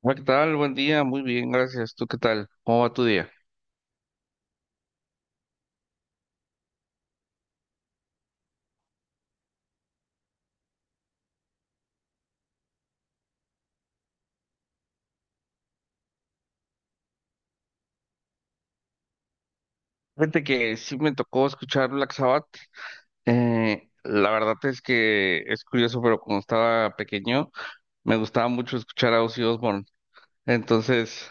Hola, ¿qué tal? Buen día, muy bien, gracias. ¿Tú qué tal? ¿Cómo va tu día? Fíjate que sí me tocó escuchar Black Sabbath. La verdad es que es curioso, pero cuando estaba pequeño me gustaba mucho escuchar a Ozzy Osbourne. Entonces,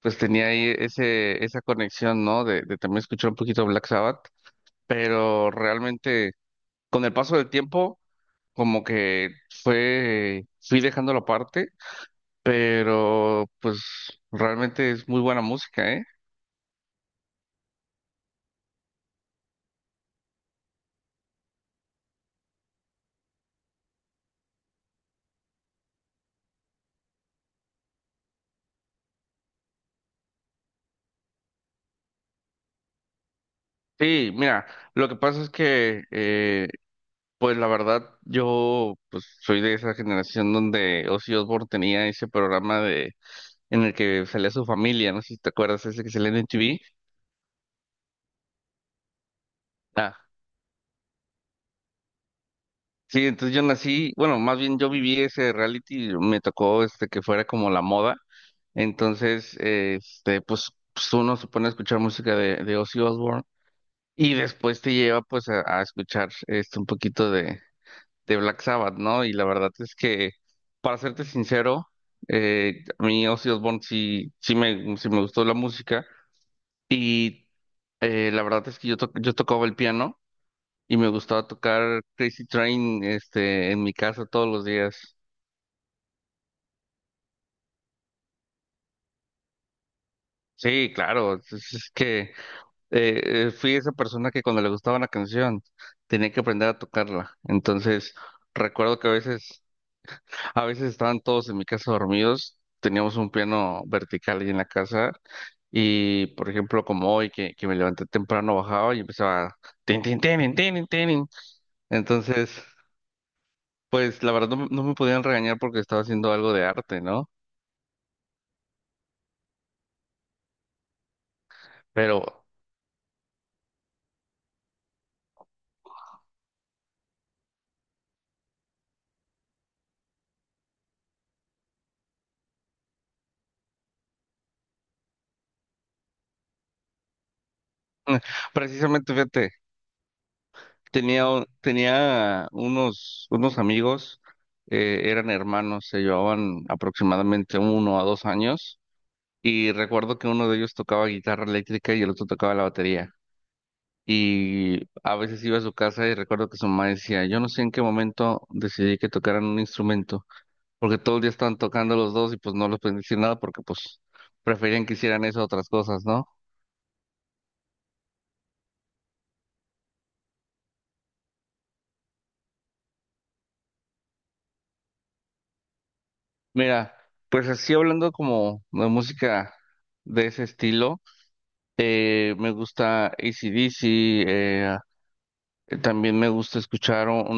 pues tenía ahí ese, esa conexión, ¿no? De también escuchar un poquito Black Sabbath, pero realmente con el paso del tiempo, como que fui dejándolo aparte, pero pues realmente es muy buena música, ¿eh? Sí, mira, lo que pasa es que, pues la verdad, yo pues soy de esa generación donde Ozzy Osbourne tenía ese programa de en el que salía su familia, no sé si te acuerdas, ese que salía en MTV. Ah, sí, entonces yo nací, bueno, más bien yo viví ese reality, me tocó este que fuera como la moda, entonces, este, uno se pone a escuchar música de Ozzy Osbourne y después te lleva pues a escuchar este un poquito de Black Sabbath, ¿no? Y la verdad es que, para serte sincero, a mí Ozzy Osbourne sí, sí me gustó la música y la verdad es que yo tocaba el piano y me gustaba tocar Crazy Train este, en mi casa todos los días. Sí, claro, es que fui esa persona que cuando le gustaba una canción tenía que aprender a tocarla. Entonces, recuerdo que a veces. A veces estaban todos en mi casa dormidos, teníamos un piano vertical ahí en la casa y, por ejemplo, como hoy que me levanté temprano, bajaba y empezaba tin, tin, tin, tin, tin. Entonces, pues la verdad no, me no me podían regañar porque estaba haciendo algo de arte, ¿no? Pero precisamente, fíjate, tenía unos amigos, eran hermanos, se llevaban aproximadamente uno a dos años y recuerdo que uno de ellos tocaba guitarra eléctrica y el otro tocaba la batería. Y a veces iba a su casa y recuerdo que su mamá decía, yo no sé en qué momento decidí que tocaran un instrumento, porque todo el día estaban tocando los dos y pues no les pueden decir nada porque pues preferían que hicieran eso a otras cosas, ¿no? Mira, pues así hablando como de música de ese estilo, me gusta AC/DC, eh, también me gusta escuchar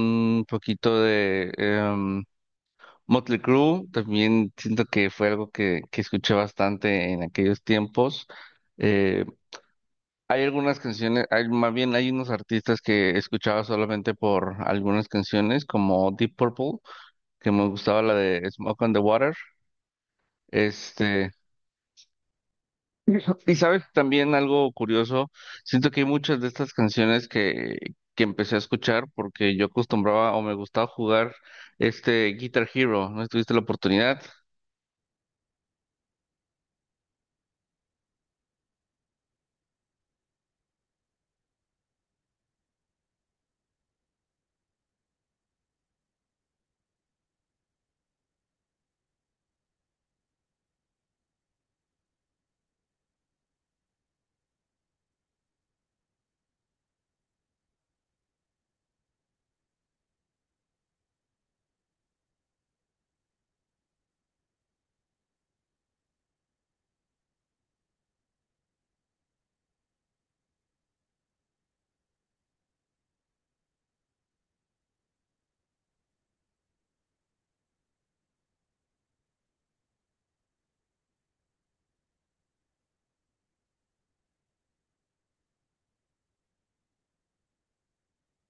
un poquito de... Motley Crue también siento que fue algo que escuché bastante en aquellos tiempos. Eh, Hay algunas canciones, hay, más bien hay unos artistas que escuchaba solamente por algunas canciones, como Deep Purple, que me gustaba la de Smoke on the Water. Este, y sabes, también algo curioso, siento que hay muchas de estas canciones que empecé a escuchar porque yo acostumbraba o me gustaba jugar este Guitar Hero. ¿No tuviste la oportunidad?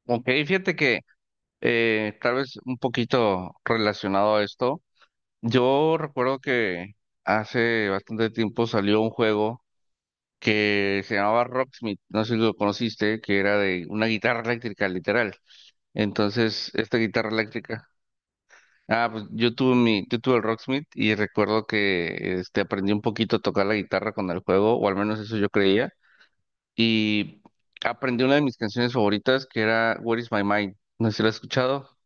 Ok, fíjate que tal vez un poquito relacionado a esto. Yo recuerdo que hace bastante tiempo salió un juego que se llamaba Rocksmith, no sé si lo conociste, que era de una guitarra eléctrica, literal. Entonces, esta guitarra eléctrica. Ah, pues yo tuve el Rocksmith y recuerdo que este aprendí un poquito a tocar la guitarra con el juego, o al menos eso yo creía. Y aprendí una de mis canciones favoritas que era Where is My Mind. No sé si la has escuchado.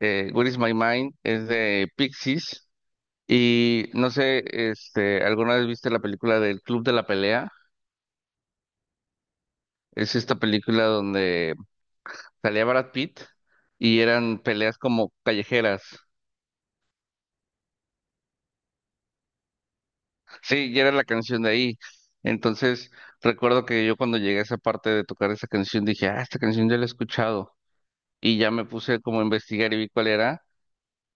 What is My Mind, es de Pixies. Y no sé, este, ¿alguna vez viste la película del Club de la Pelea? Es esta película donde salía Brad Pitt y eran peleas como callejeras. Sí, y era la canción de ahí. Entonces, recuerdo que yo cuando llegué a esa parte de tocar esa canción dije, ah, esta canción ya la he escuchado. Y ya me puse como a investigar y vi cuál era.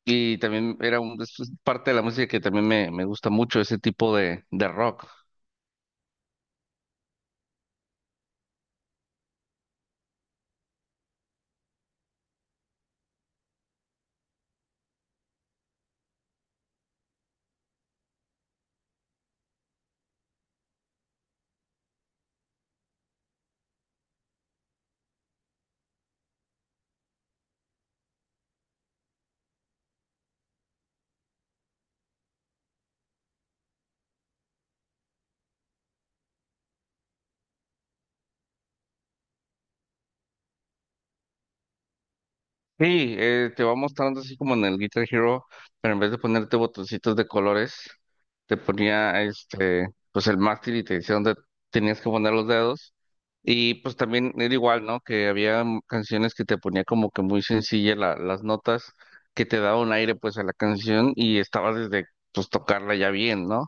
Y también era un, es parte de la música que también me gusta mucho, ese tipo de rock. Sí, te va mostrando así como en el Guitar Hero, pero en vez de ponerte botoncitos de colores, te ponía este, pues el mástil y te decía dónde tenías que poner los dedos. Y pues también era igual, ¿no? Que había canciones que te ponía como que muy sencilla las notas, que te daba un aire pues a la canción y estabas desde pues tocarla ya bien, ¿no?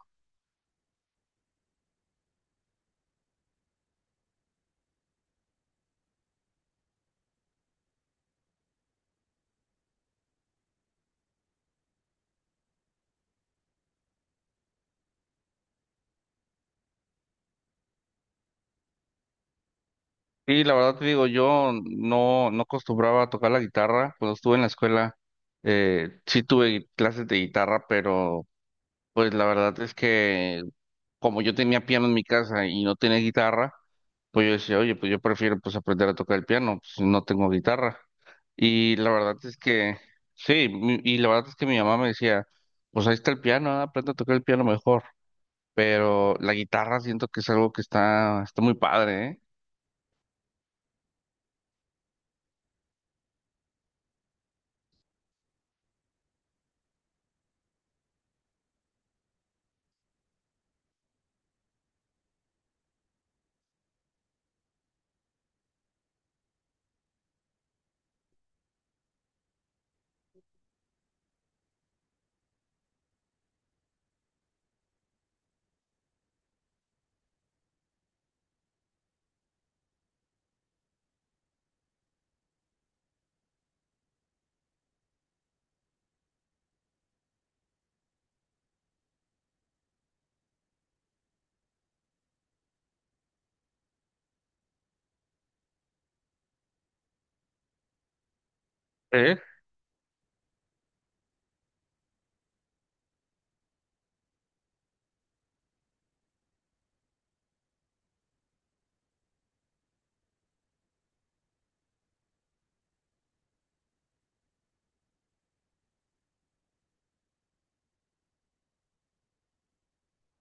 Y la verdad te digo, yo no, no acostumbraba a tocar la guitarra cuando estuve en la escuela. Sí tuve clases de guitarra, pero pues la verdad es que como yo tenía piano en mi casa y no tenía guitarra, pues yo decía, oye, pues yo prefiero pues aprender a tocar el piano, pues si no tengo guitarra. Y la verdad es que, sí, y la verdad es que mi mamá me decía, pues ahí está el piano, ah, aprende a tocar el piano mejor. Pero la guitarra siento que es algo que está, está muy padre, ¿eh? ¿Eh?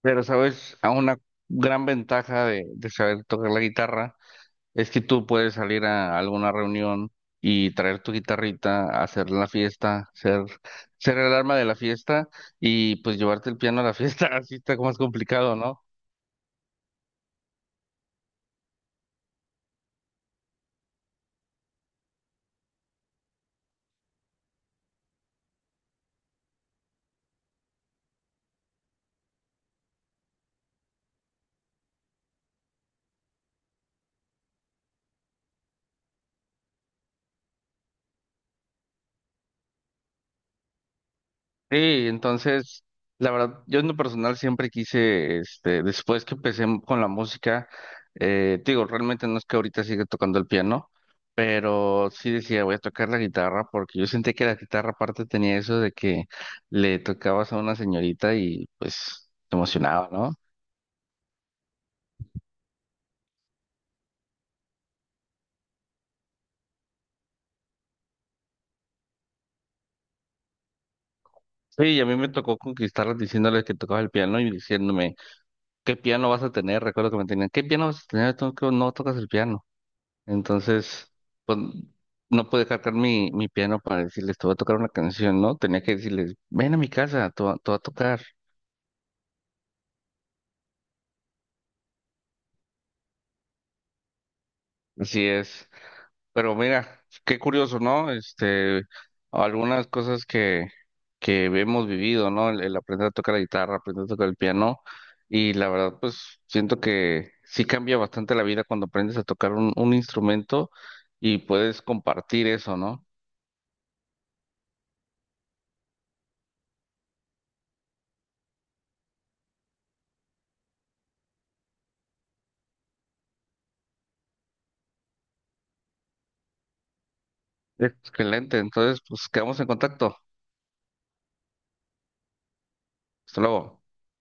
Pero sabes, a una gran ventaja de saber tocar la guitarra es que tú puedes salir a alguna reunión y traer tu guitarrita, hacer la fiesta, ser el arma de la fiesta y pues llevarte el piano a la fiesta, así está más complicado, ¿no? Sí, entonces, la verdad, yo en lo personal siempre quise, este, después que empecé con la música, te digo, realmente no es que ahorita siga tocando el piano, pero sí decía, voy a tocar la guitarra, porque yo sentía que la guitarra aparte tenía eso de que le tocabas a una señorita y pues te emocionaba, ¿no? Sí, y a mí me tocó conquistarlas diciéndoles que tocaba el piano y diciéndome, ¿qué piano vas a tener? Recuerdo que me tenían, ¿qué piano vas a tener? Tú que no tocas el piano. Entonces, pues no pude cargar mi piano para decirles, te voy a tocar una canción, ¿no? Tenía que decirles, ven a mi casa, te voy a tocar. Así es. Pero mira, qué curioso, ¿no? Este, algunas cosas que hemos vivido, ¿no? El aprender a tocar la guitarra, aprender a tocar el piano. Y la verdad, pues siento que sí cambia bastante la vida cuando aprendes a tocar un instrumento y puedes compartir eso, ¿no? Excelente. Entonces, pues quedamos en contacto. Hasta luego.